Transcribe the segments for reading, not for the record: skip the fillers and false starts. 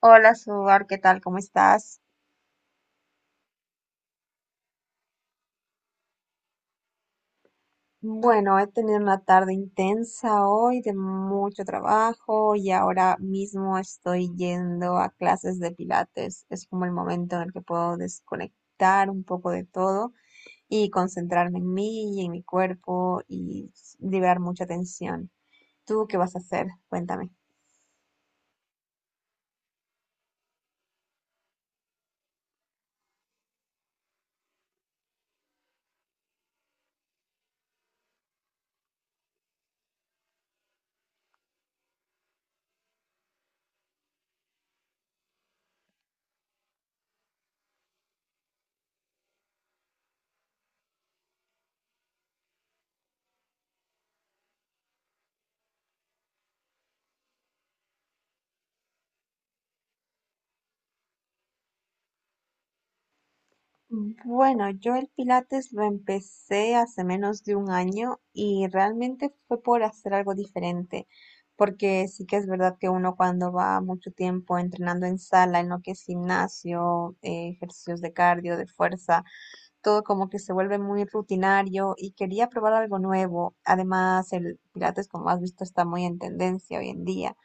Hola, Suar, ¿qué tal? ¿Cómo estás? Bueno, he tenido una tarde intensa hoy de mucho trabajo y ahora mismo estoy yendo a clases de pilates. Es como el momento en el que puedo desconectar un poco de todo y concentrarme en mí y en mi cuerpo y liberar mucha tensión. ¿Tú qué vas a hacer? Cuéntame. Bueno, yo el Pilates lo empecé hace menos de un año y realmente fue por hacer algo diferente, porque sí que es verdad que uno cuando va mucho tiempo entrenando en sala, en lo que es gimnasio, ejercicios de cardio, de fuerza, todo como que se vuelve muy rutinario y quería probar algo nuevo. Además, el Pilates, como has visto, está muy en tendencia hoy en día.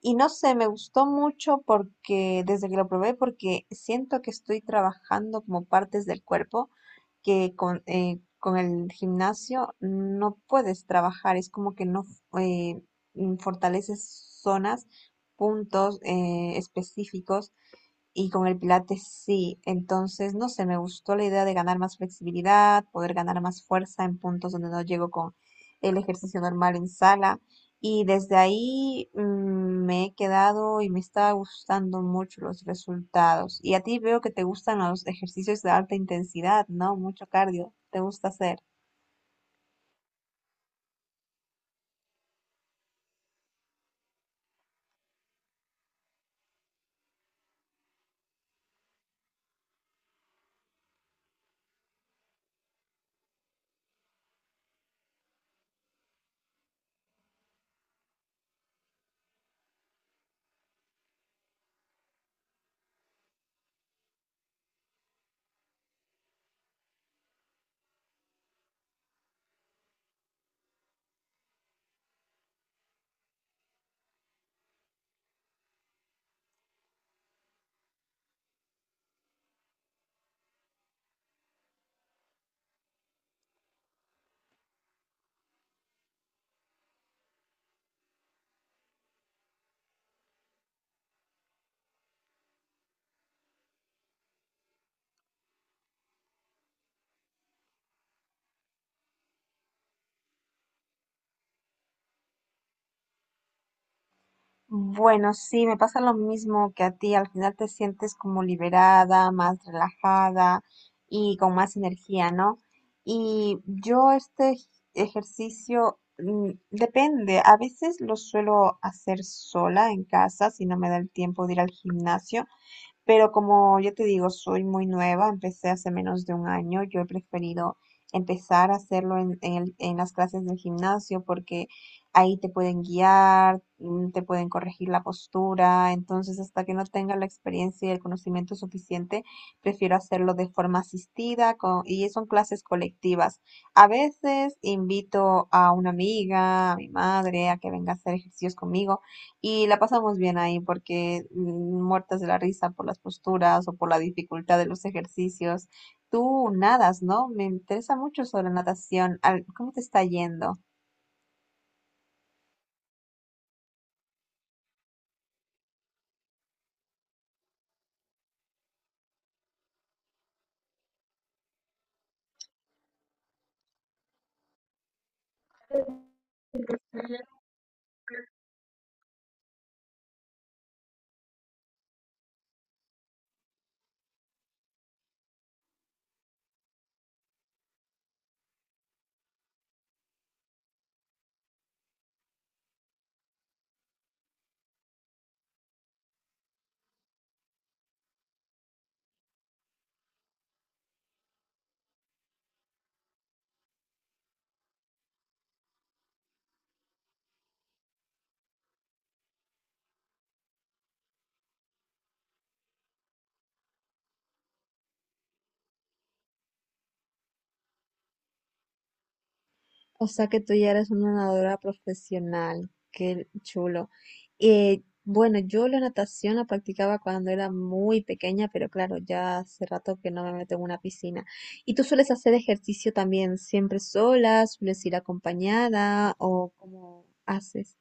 Y no sé, me gustó mucho porque desde que lo probé, porque siento que estoy trabajando como partes del cuerpo que con el gimnasio no puedes trabajar, es como que no eh, fortaleces zonas, puntos específicos, y con el pilates sí. Entonces no sé, me gustó la idea de ganar más flexibilidad, poder ganar más fuerza en puntos donde no llego con el ejercicio normal en sala. Y desde ahí me he quedado y me está gustando mucho los resultados. Y a ti veo que te gustan los ejercicios de alta intensidad, ¿no? Mucho cardio, te gusta hacer. Bueno, sí, me pasa lo mismo que a ti. Al final te sientes como liberada, más relajada y con más energía, ¿no? Y yo este ejercicio, depende. A veces lo suelo hacer sola en casa si no me da el tiempo de ir al gimnasio. Pero como yo te digo, soy muy nueva, empecé hace menos de un año, yo he preferido empezar a hacerlo en las clases del gimnasio, porque ahí te pueden guiar, te pueden corregir la postura. Entonces, hasta que no tenga la experiencia y el conocimiento suficiente, prefiero hacerlo de forma asistida y son clases colectivas. A veces invito a una amiga, a mi madre, a que venga a hacer ejercicios conmigo y la pasamos bien ahí porque, muertas de la risa por las posturas o por la dificultad de los ejercicios. Tú nadas, ¿no? Me interesa mucho sobre natación. ¿Cómo te está yendo? O sea que tú ya eres una nadadora profesional, qué chulo. Bueno, yo la natación la practicaba cuando era muy pequeña, pero claro, ya hace rato que no me meto en una piscina. ¿Y tú sueles hacer ejercicio también siempre sola? ¿Sueles ir acompañada o cómo haces?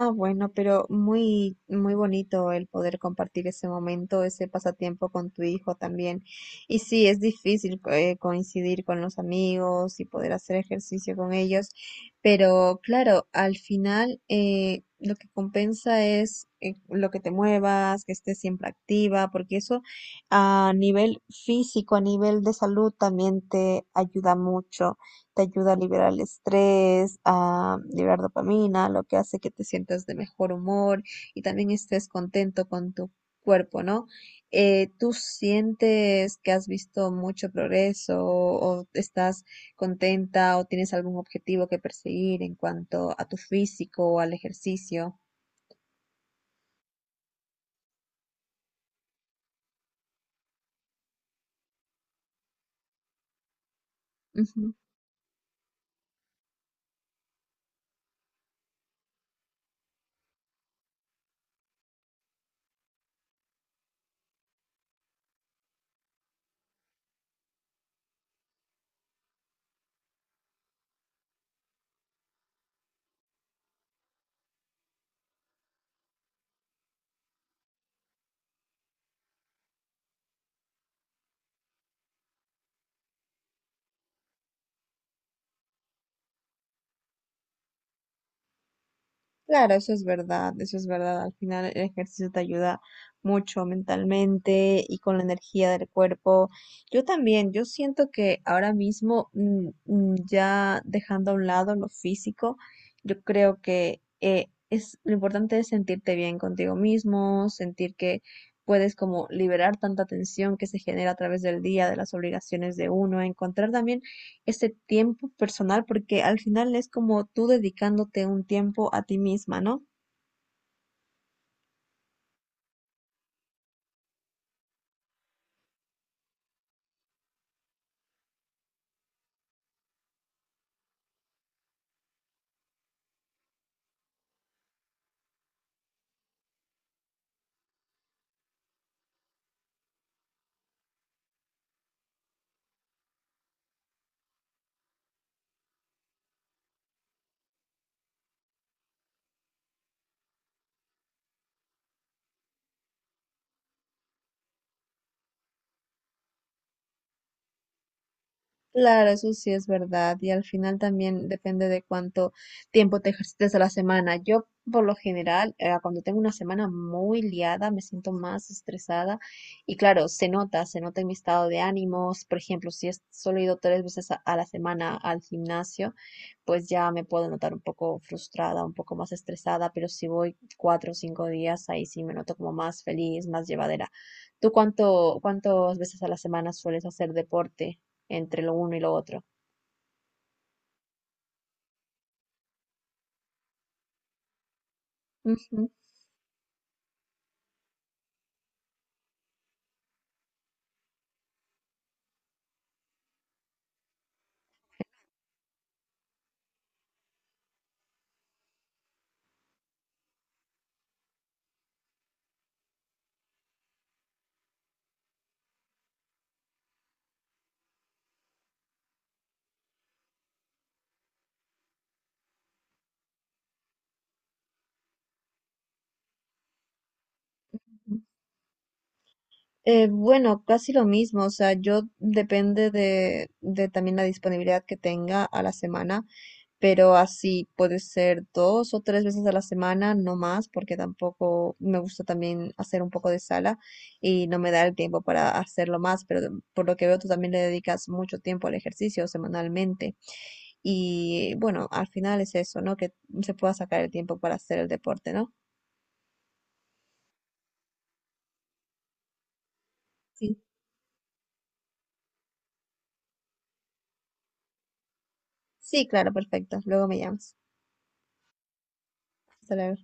Ah, bueno, pero muy, muy bonito el poder compartir ese momento, ese pasatiempo con tu hijo también. Y sí, es difícil coincidir con los amigos y poder hacer ejercicio con ellos, pero claro, al final lo que compensa es, lo que te muevas, que estés siempre activa, porque eso a nivel físico, a nivel de salud también te ayuda mucho, te ayuda a liberar el estrés, a liberar dopamina, lo que hace que te sientas de mejor humor y también estés contento con tu cuerpo, ¿no? ¿Tú sientes que has visto mucho progreso o estás contenta o tienes algún objetivo que perseguir en cuanto a tu físico o al ejercicio? Claro, eso es verdad, eso es verdad. Al final el ejercicio te ayuda mucho mentalmente y con la energía del cuerpo. Yo también, yo siento que ahora mismo, ya dejando a un lado lo físico, yo creo que, es lo importante, es sentirte bien contigo mismo, sentir que puedes como liberar tanta tensión que se genera a través del día, de las obligaciones de uno, encontrar también ese tiempo personal, porque al final es como tú dedicándote un tiempo a ti misma, ¿no? Claro, eso sí es verdad. Y al final también depende de cuánto tiempo te ejercites a la semana. Yo, por lo general, cuando tengo una semana muy liada, me siento más estresada. Y claro, se nota en mi estado de ánimos. Por ejemplo, si es, solo he ido 3 veces a la semana al gimnasio, pues ya me puedo notar un poco frustrada, un poco más estresada. Pero si voy 4 o 5 días, ahí sí me noto como más feliz, más llevadera. ¿Tú cuántas veces a la semana sueles hacer deporte? Entre lo uno y lo otro. Ujú. Bueno, casi lo mismo, o sea, yo depende de también la disponibilidad que tenga a la semana, pero así puede ser 2 o 3 veces a la semana, no más, porque tampoco me gusta también hacer un poco de sala y no me da el tiempo para hacerlo más, pero por lo que veo tú también le dedicas mucho tiempo al ejercicio semanalmente, y bueno, al final es eso, ¿no? Que se pueda sacar el tiempo para hacer el deporte, ¿no? Sí, claro, perfecto. Luego me llamas. Hasta luego.